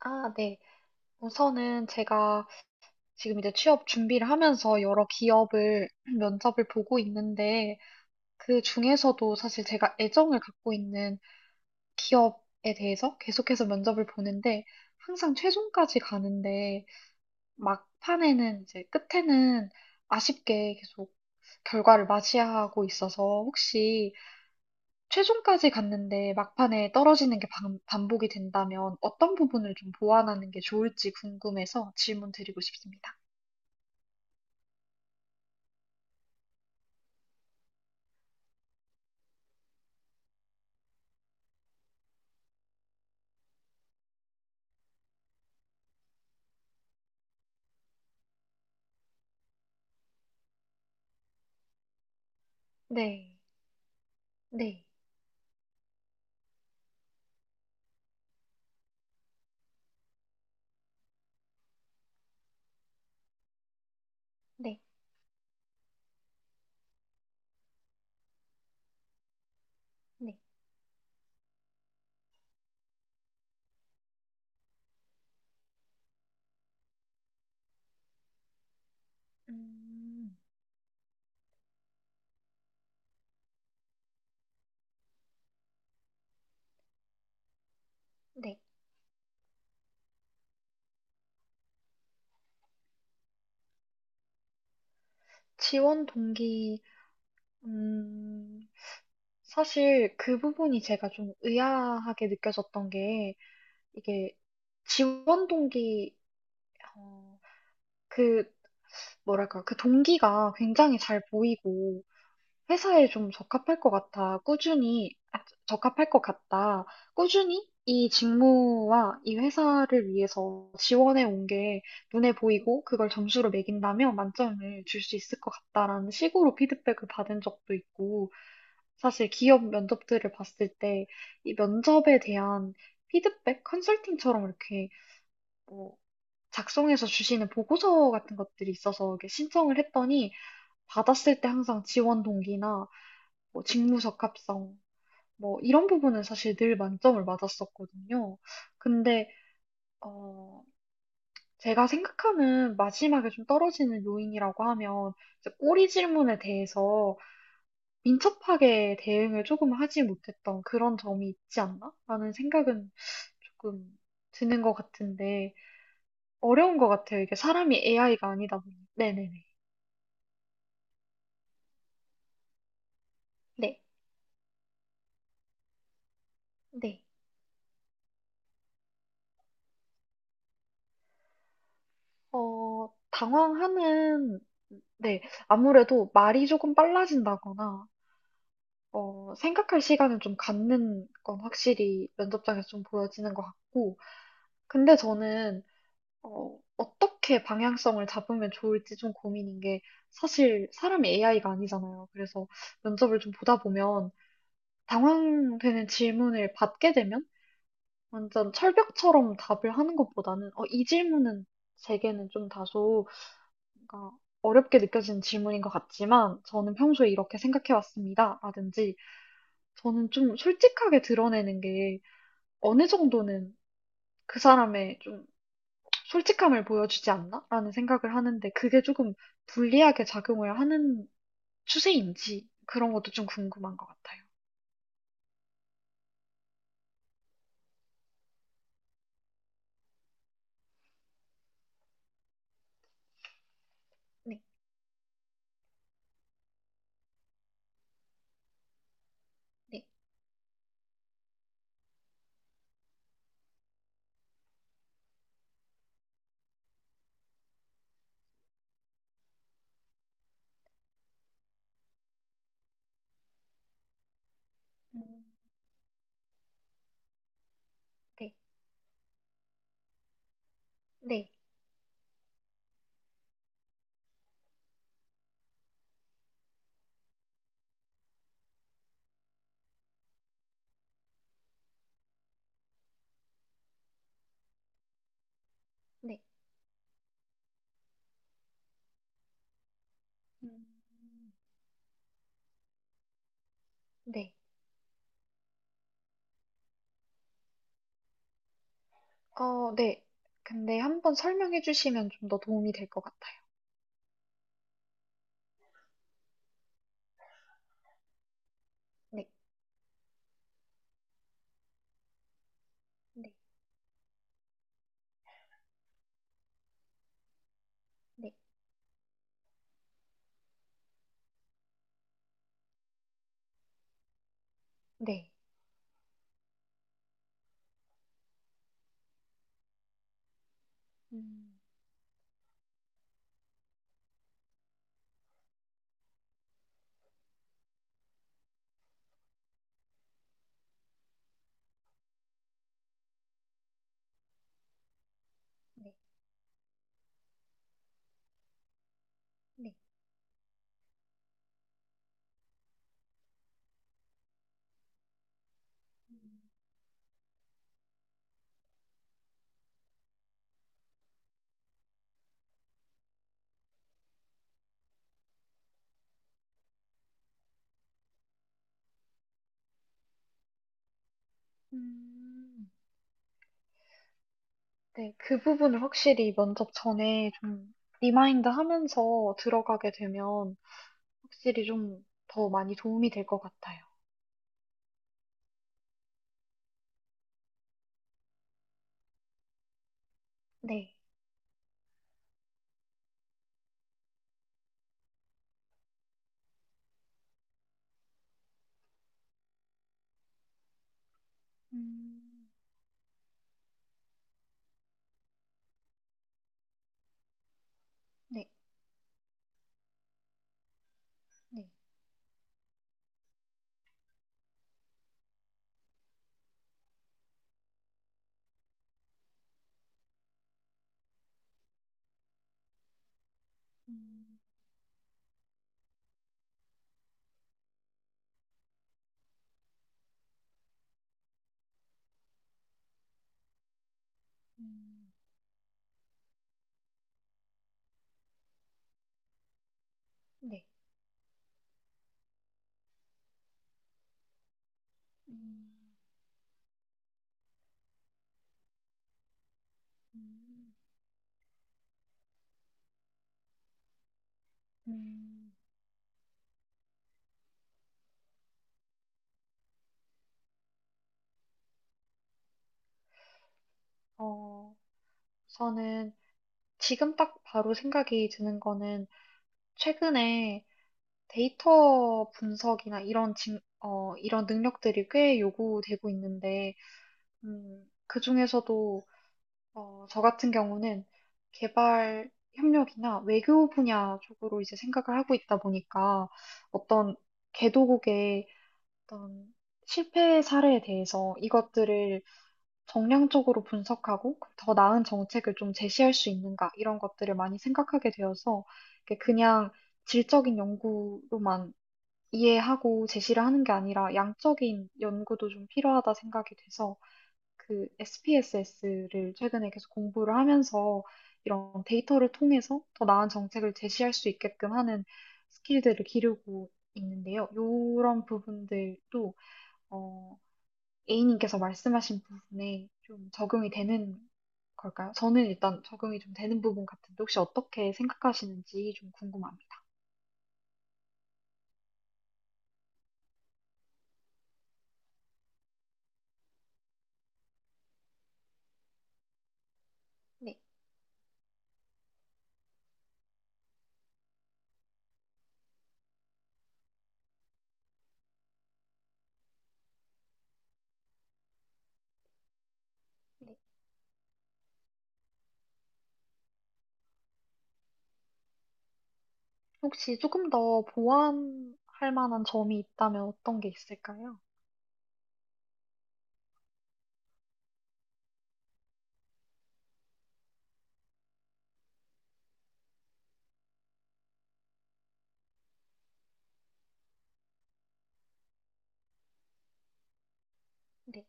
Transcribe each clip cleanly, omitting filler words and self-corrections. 아, 네. 우선은 제가 지금 이제 취업 준비를 하면서 여러 기업을 면접을 보고 있는데 그 중에서도 사실 제가 애정을 갖고 있는 기업에 대해서 계속해서 면접을 보는데 항상 최종까지 가는데 막판에는 이제 끝에는 아쉽게 계속 결과를 맞이하고 있어서 혹시 최종까지 갔는데 막판에 떨어지는 게 반복이 된다면 어떤 부분을 좀 보완하는 게 좋을지 궁금해서 질문 드리고 싶습니다. 네, 네, 네, 네, 음, 네. 지원 동기, 음, 사실 그 부분이 제가 좀 의아하게 느껴졌던 게, 이게 지원 동기, 어, 그, 뭐랄까, 그 동기가 굉장히 잘 보이고, 회사에 좀 적합할 것 같아. 꾸준히, 적합할 것 같다. 꾸준히 이 직무와 이 회사를 위해서 지원해 온 게 눈에 보이고 그걸 점수로 매긴다면 만점을 줄 수 있을 것 같다라는 식으로 피드백을 받은 적도 있고, 사실 기업 면접들을 봤을 때 이 면접에 대한 피드백 컨설팅처럼 이렇게 뭐 작성해서 주시는 보고서 같은 것들이 있어서 이렇게 신청을 했더니 받았을 때 항상 지원 동기나 뭐 직무적 합성, 뭐 이런 부분은 사실 늘 만점을 맞았었거든요. 근데 어, 제가 생각하는 마지막에 좀 떨어지는 요인이라고 하면 이제 꼬리 질문에 대해서 민첩하게 대응을 조금 하지 못했던 그런 점이 있지 않나? 라는 생각은 조금 드는 것 같은데 어려운 것 같아요. 이게 사람이 AI가 아니다 보니. 네네네. 네. 네. 당황하는, 네, 아무래도 말이 조금 빨라진다거나, 생각할 시간을 좀 갖는 건 확실히 면접장에서 좀 보여지는 것 같고, 근데 저는, 어떻게 방향성을 잡으면 좋을지 좀 고민인 게, 사실 사람이 AI가 아니잖아요. 그래서 면접을 좀 보다 보면, 당황되는 질문을 받게 되면, 완전 철벽처럼 답을 하는 것보다는, 이 질문은 제게는 좀 다소 그러니까 어렵게 느껴지는 질문인 것 같지만 저는 평소에 이렇게 생각해 왔습니다. 라든지 저는 좀 솔직하게 드러내는 게 어느 정도는 그 사람의 좀 솔직함을 보여주지 않나? 라는 생각을 하는데 그게 조금 불리하게 작용을 하는 추세인지 그런 것도 좀 궁금한 것 같아요. 네, 네, 네. 음, 네. 네. 근데 한번 설명해 주시면 좀 더 도움이 될 것 같아요. 네, 네, 네, 네. 음, 네, 네. 음, 네, 그 부분을 확실히 면접 전에 좀 리마인드 하면서 들어가게 되면 확실히 좀 더 많이 도움이 될 것 같아요. 네, 음, 네, 네, 음, 음, 네. 음, 음, 음, 어, 저는 지금 딱 바로 생각이 드는 거는 최근에 데이터 분석이나 이런 능력들이 꽤 요구되고 있는데 그중에서도 저 같은 경우는 개발 협력이나 외교 분야 쪽으로 이제 생각을 하고 있다 보니까 어떤 개도국의 어떤 실패 사례에 대해서 이것들을 정량적으로 분석하고 더 나은 정책을 좀 제시할 수 있는가 이런 것들을 많이 생각하게 되어서 이게 그냥 질적인 연구로만 이해하고 제시를 하는 게 아니라 양적인 연구도 좀 필요하다 생각이 돼서 그 SPSS를 최근에 계속 공부를 하면서 이런 데이터를 통해서 더 나은 정책을 제시할 수 있게끔 하는 스킬들을 기르고 있는데요. 이런 부분들도 어, A님께서 말씀하신 부분에 좀 적용이 되는 걸까요? 저는 일단 적용이 좀 되는 부분 같은데 혹시 어떻게 생각하시는지 좀 궁금합니다. 네. 혹시 조금 더 보완할 만한 점이 있다면 어떤 게 있을까요? 네.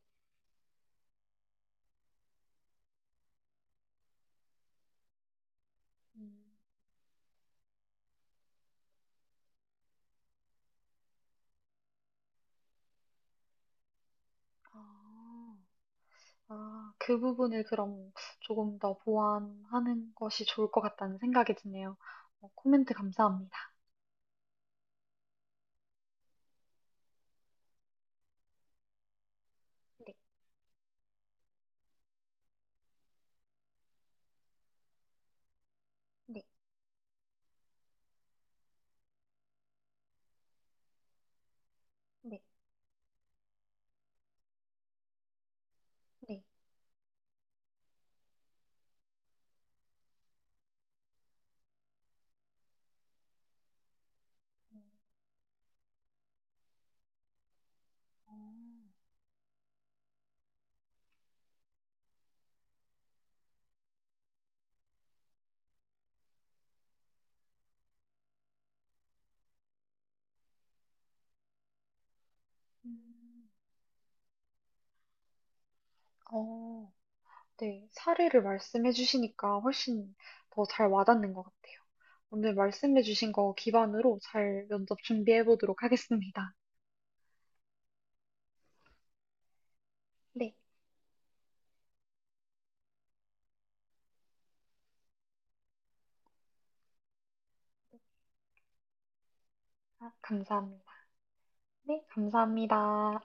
음, 아. 아, 그 부분을 그럼 조금 더 보완하는 것이 좋을 것 같다는 생각이 드네요. 코멘트 감사합니다. 네, 네, 네, 네. 어, 음, 어, 네. 사례를 말씀해 주시니까 훨씬 더 잘 와닿는 것 같아요. 오늘 말씀해 주신 거 기반으로 잘 면접 준비해 보도록 하겠습니다. 네. 아, 감사합니다. 네. 감사합니다.